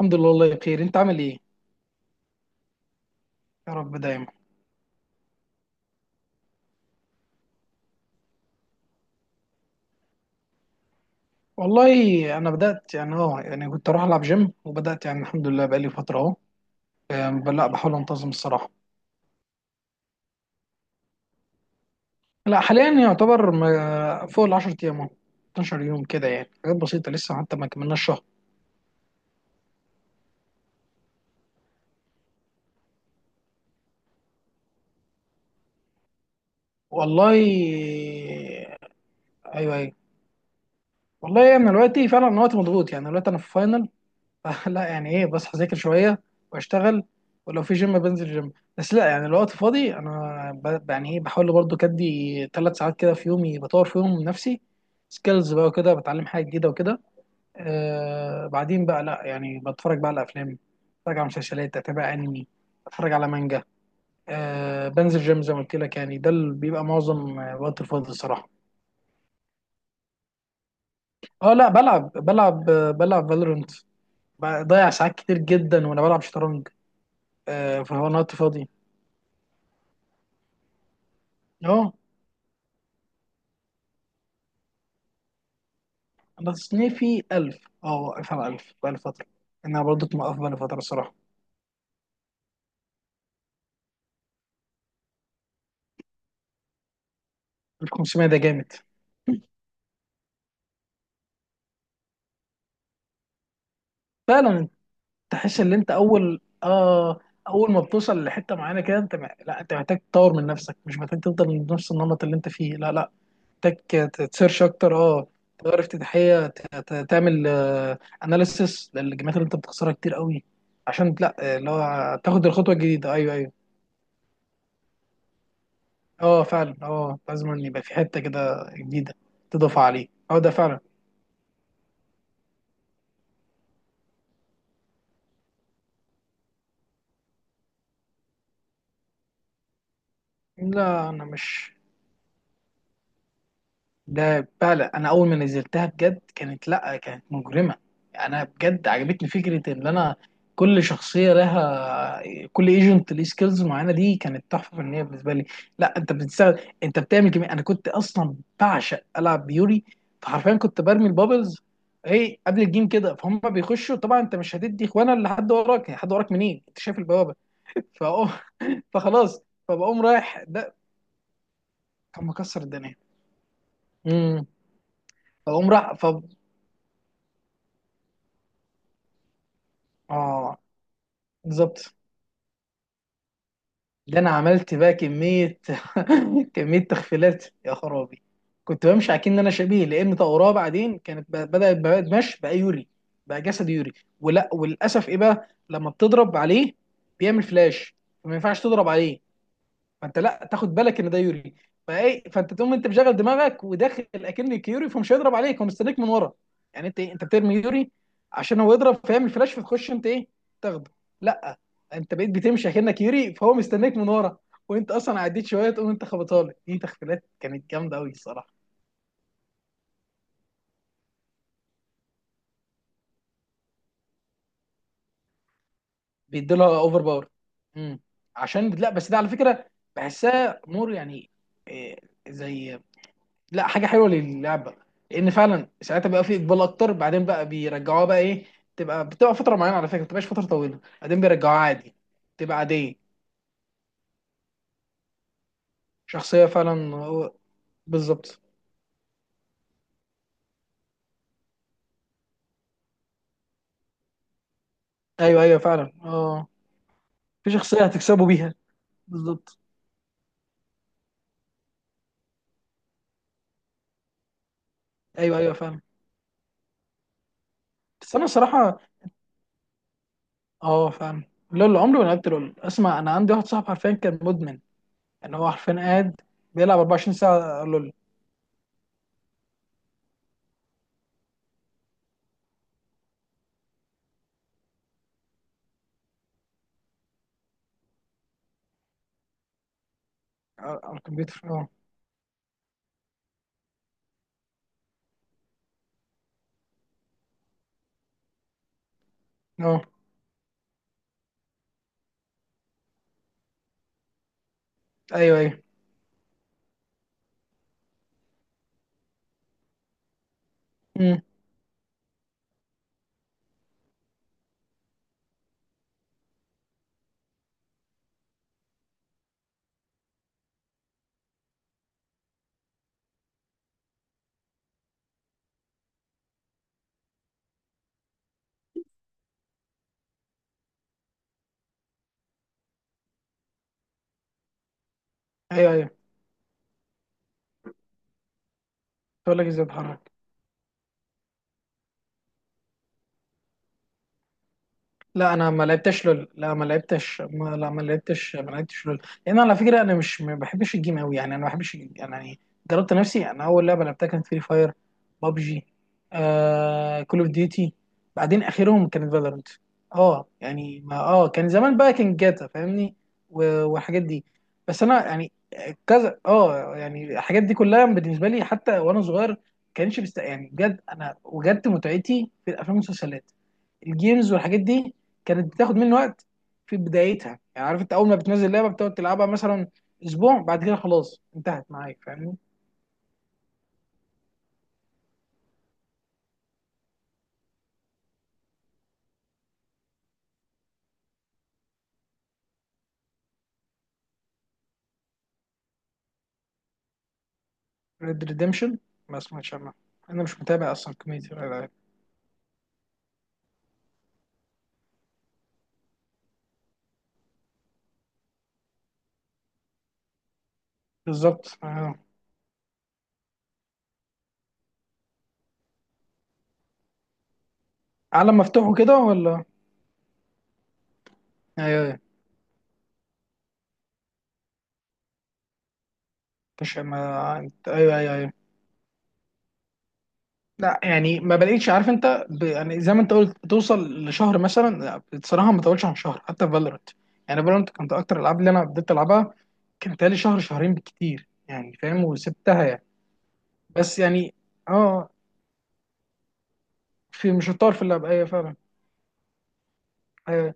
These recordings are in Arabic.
الحمد لله، والله بخير. انت عامل ايه؟ يا رب دايما. والله انا بدات، يعني يعني كنت اروح العب جيم. وبدات، يعني الحمد لله بقالي فتره اهو. يعني لا، بحاول انتظم الصراحه. لا، حاليا يعتبر فوق ال 10 ايام اهو. 12 يوم كده، يعني حاجات بسيطه لسه، حتى ما كملناش شهر. والله. ايوه، ايوه. والله انا يعني دلوقتي فعلا، انا وقتي مضغوط، يعني دلوقتي انا في فاينل. لا يعني ايه، بصحى اذاكر شويه. واشتغل. ولو في جيم بنزل جيم. بس لا يعني الوقت فاضي انا، يعني ايه، بحاول برضو كدي 3 ساعات كده في يومي، بطور فيهم من نفسي. سكيلز بقى وكده، بتعلم حاجه جديده وكده. بعدين بقى، لا يعني بتفرج بقى على افلام. بتفرج على مسلسلات، اتابع انمي. بتفرج على مانجا. بنزل جيم زي ما قلت لك، يعني ده اللي بيبقى معظم وقت الفاضي الصراحه. اه لا، بلعب، بلعب فالورنت. بضيع ساعات كتير جدا وانا بلعب شطرنج. فهو انا وقت فاضي. اه انا تصنيفي 1000. اه واقف على 1000 بقالي فتره. انا برضو موقف بقالي فتره الصراحه. ال 500 ده جامد. فعلا انت. تحس ان انت، اول ما بتوصل لحته معينه كده انت لا، انت محتاج تطور من نفسك، مش محتاج تفضل من نفس النمط اللي انت فيه. لا، لا. محتاج تسيرش اكتر. اه تغير افتتاحيه، تعمل اناليسيس للجيمات اللي انت بتخسرها كتير قوي. عشان لا، اللي هو تاخد الخطوه الجديده. ايوه، ايوه. اه فعلا. اه لازم ان يبقى في حته كده جديده، تضاف عليه. اه ده فعلا. لا انا مش. ده فعلا، انا اول ما نزلتها بجد كانت، لا كانت مجرمه. انا بجد عجبتني فكره ان انا، كل شخصيه لها، كل ايجنت ليه سكيلز معينه. دي كانت تحفه فنيه بالنسبه لي. لا، انت بتستخدم، انت بتعمل كمية. انا كنت اصلا بعشق العب بيوري. فحرفيا كنت برمي البابلز، ايه، قبل الجيم كده فهم بيخشوا طبعا. انت مش هتدي اخوانا اللي حد وراك، يعني حد وراك منين؟ انت شايف البوابه. فأقوم. فخلاص. فبقوم رايح ده. كان مكسر الدنيا. امم. فبقوم رايح اه، بالظبط. ده انا عملت بقى كميه. كميه تخفيلات يا خرابي. كنت بمشي اكن ان انا شبيه لان طوراء. بعدين كانت بدات بقى مشي بقى يوري. بقى جسد يوري. ولا وللاسف ايه بقى لما بتضرب عليه، بيعمل فلاش. فما ينفعش تضرب عليه. فانت لا تاخد بالك ان ده يوري. فايه، فانت تقوم انت مشغل دماغك وداخل اكنك يوري فمش هيضرب عليك. هو مستنيك من ورا. يعني انت إيه، انت بترمي يوري عشان هو يضرب فيعمل فلاش، فتخش انت ايه، تاخده. لا، انت بقيت بتمشي اكنك يوري فهو مستنيك من ورا. وانت اصلا عديت شويه تقوم انت خبطها له. دي تخفيلات كانت جامده قوي الصراحه. بيدوا لها اوفر باور. امم. عشان لا، بس ده على فكره بحسها مور، يعني إيه، زي، لا حاجه حلوه للعبه. لان فعلا ساعتها بقى في اقبال اكتر. بعدين بقى بيرجعوها بقى ايه، بتبقى فتره معينه. على فكره ما بتبقاش فتره طويله، بعدين بيرجعوها عادي. تبقى عاديه. شخصيه فعلا بالظبط. ايوه، ايوه، فعلا. اه في شخصيه هتكسبوا بيها. بالظبط. ايوه، ايوه، فعلا. بس انا الصراحه، اه فعلا. لول، عمري ما لعبت لول. اسمع، انا عندي واحد صاحبي حرفيا كان مدمن. يعني هو حرفيا قاعد بيلعب 24 ساعه لول. على الكمبيوتر، اه. اه. ايوه، ايوه. امم. ايوه، ايوه. تقول لك ازاي اتحرك. لا انا ما لعبتش لول، لا ما لعبتش، ما، لا، ما لعبتش، ما لعبتش لول، لان على فكره انا مش ما بحبش الجيم قوي، يعني انا ما بحبش الجيم. يعني جربت نفسي. انا اول لعبه لعبتها كانت فري فاير، بابجي، كول اوف ديوتي، بعدين اخرهم كانت فالورنت. اه يعني ما، كان زمان بقى كان جاتا، فاهمني؟ والحاجات دي. بس انا يعني، كذا، يعني الحاجات دي كلها بالنسبه لي، حتى وانا صغير، كانش يعني بجد انا وجدت متعتي في الافلام والمسلسلات. الجيمز والحاجات دي كانت بتاخد مني وقت في بدايتها، يعني عارف انت، اول ما بتنزل لعبه بتقعد تلعبها مثلا اسبوع، بعد كده خلاص انتهت معاك، فاهمني؟ ريد ريديمشن، ما سمعتش عنها. انا مش متابع اصلا كميه الالعاب. بالظبط، آه. عالم مفتوح وكده ولا؟ ايوه، ايوه. مش، ما انت، ايوه، ايوه، ايوه. لا يعني ما بلاقيش، عارف انت، يعني زي ما انت قلت بتوصل لشهر مثلا، لا، بصراحه ما طولش عن شهر، حتى في فالورانت. يعني فالورانت كانت اكتر الالعاب اللي انا بديت العبها، كانت لي شهر شهرين بالكتير يعني، فاهم؟ وسبتها يعني. بس يعني، اه، في، مش هتطور في اللعبه، ايه فعلا. ايوه.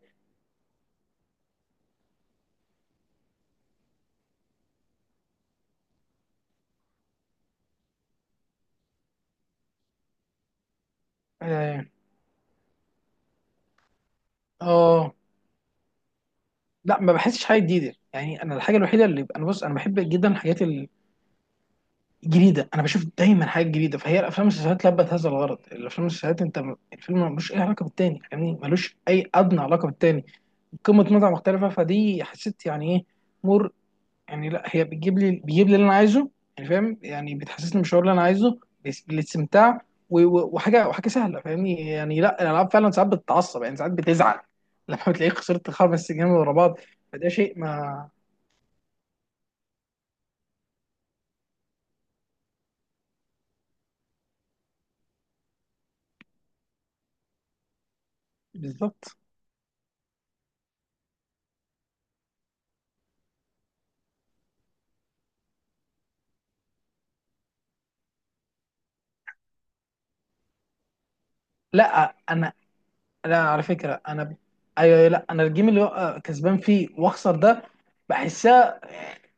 اه. آه. لا ما بحسش حاجه جديده، يعني انا الحاجه الوحيده اللي انا، بص، انا بحب جدا الحاجات جديده، انا بشوف دايما حاجات جديده، فهي الافلام والمسلسلات لبت هذا الغرض. الافلام والمسلسلات انت الفيلم ملوش اي علاقه بالتاني، فاهمني؟ ملوش اي ادنى علاقه بالتاني. قمه متعه مختلفه، فدي حسيت يعني ايه، مر. يعني لا هي بتجيب لي، بيجيب لي اللي انا عايزه، يعني فاهم؟ يعني بتحسسني بالشعور اللي انا عايزه، بالاستمتاع. وحاجه سهله، فاهمني؟ يعني لا الالعاب فعلا ساعات بتتعصب، يعني ساعات بتزعل. لما بتلاقيك خسرت 5 جيم ورا بعض، فده شيء ما. بالظبط. لا انا. لا على فكره انا ايوه، أيوة، لا انا الجيم اللي هو كسبان فيه واخسر ده، بحسها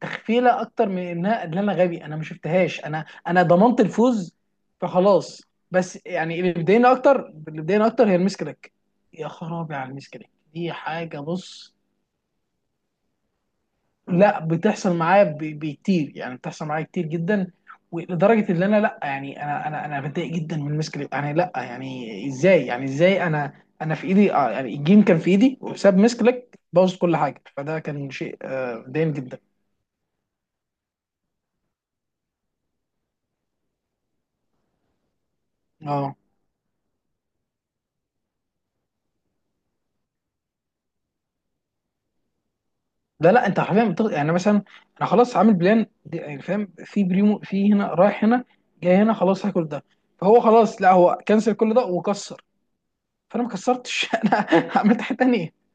تخفيله اكتر من انها ان انا غبي، انا ما شفتهاش، انا ضمنت الفوز فخلاص. بس يعني، اللي بيضايقني اكتر، اللي بيضايقني اكتر، هي المسكلك. يا خرابي على المسكلك، دي حاجه، بص. لا بتحصل معايا بكتير، يعني بتحصل معايا كتير جدا. ولدرجه ان انا، لا يعني انا، انا بتضايق جدا من مسك، يعني لا، يعني ازاي، يعني ازاي انا، انا في ايدي، يعني الجيم كان في ايدي وبسبب مسكلك بوظت كل حاجه، فده كان شيء مضايقني جدا. اه، لا، لا، انت حرفيا يعني مثلا انا خلاص عامل بلان يعني فاهم؟ في بريمو، في هنا رايح هنا جاي هنا، خلاص هاكل ده. فهو خلاص، لا هو كنسل كل ده وكسر. فانا ما كسرتش. انا عملت حاجه تانيه.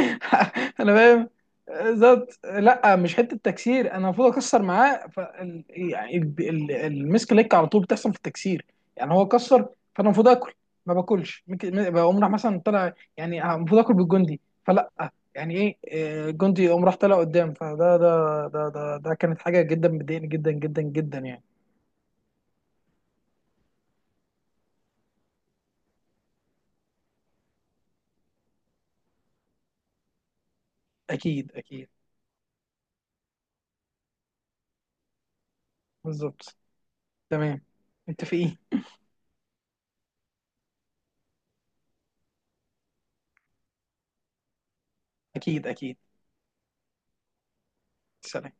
انا فاهم. ذات، لا مش حته تكسير، انا المفروض اكسر معاه يعني المسك ليك على طول بتحصل في التكسير. يعني هو كسر، فانا المفروض اكل، ما باكلش، ممكن بقوم راح مثلا طلع. يعني المفروض اكل بالجندي، فلا، يعني ايه، الجندي يقوم راح طلع قدام. فده ده ده ده ده كانت حاجه جدا مضايقني جدا جدا جدا يعني. اكيد، اكيد. بالظبط. تمام. متفقين. اكيد، اكيد. سلام.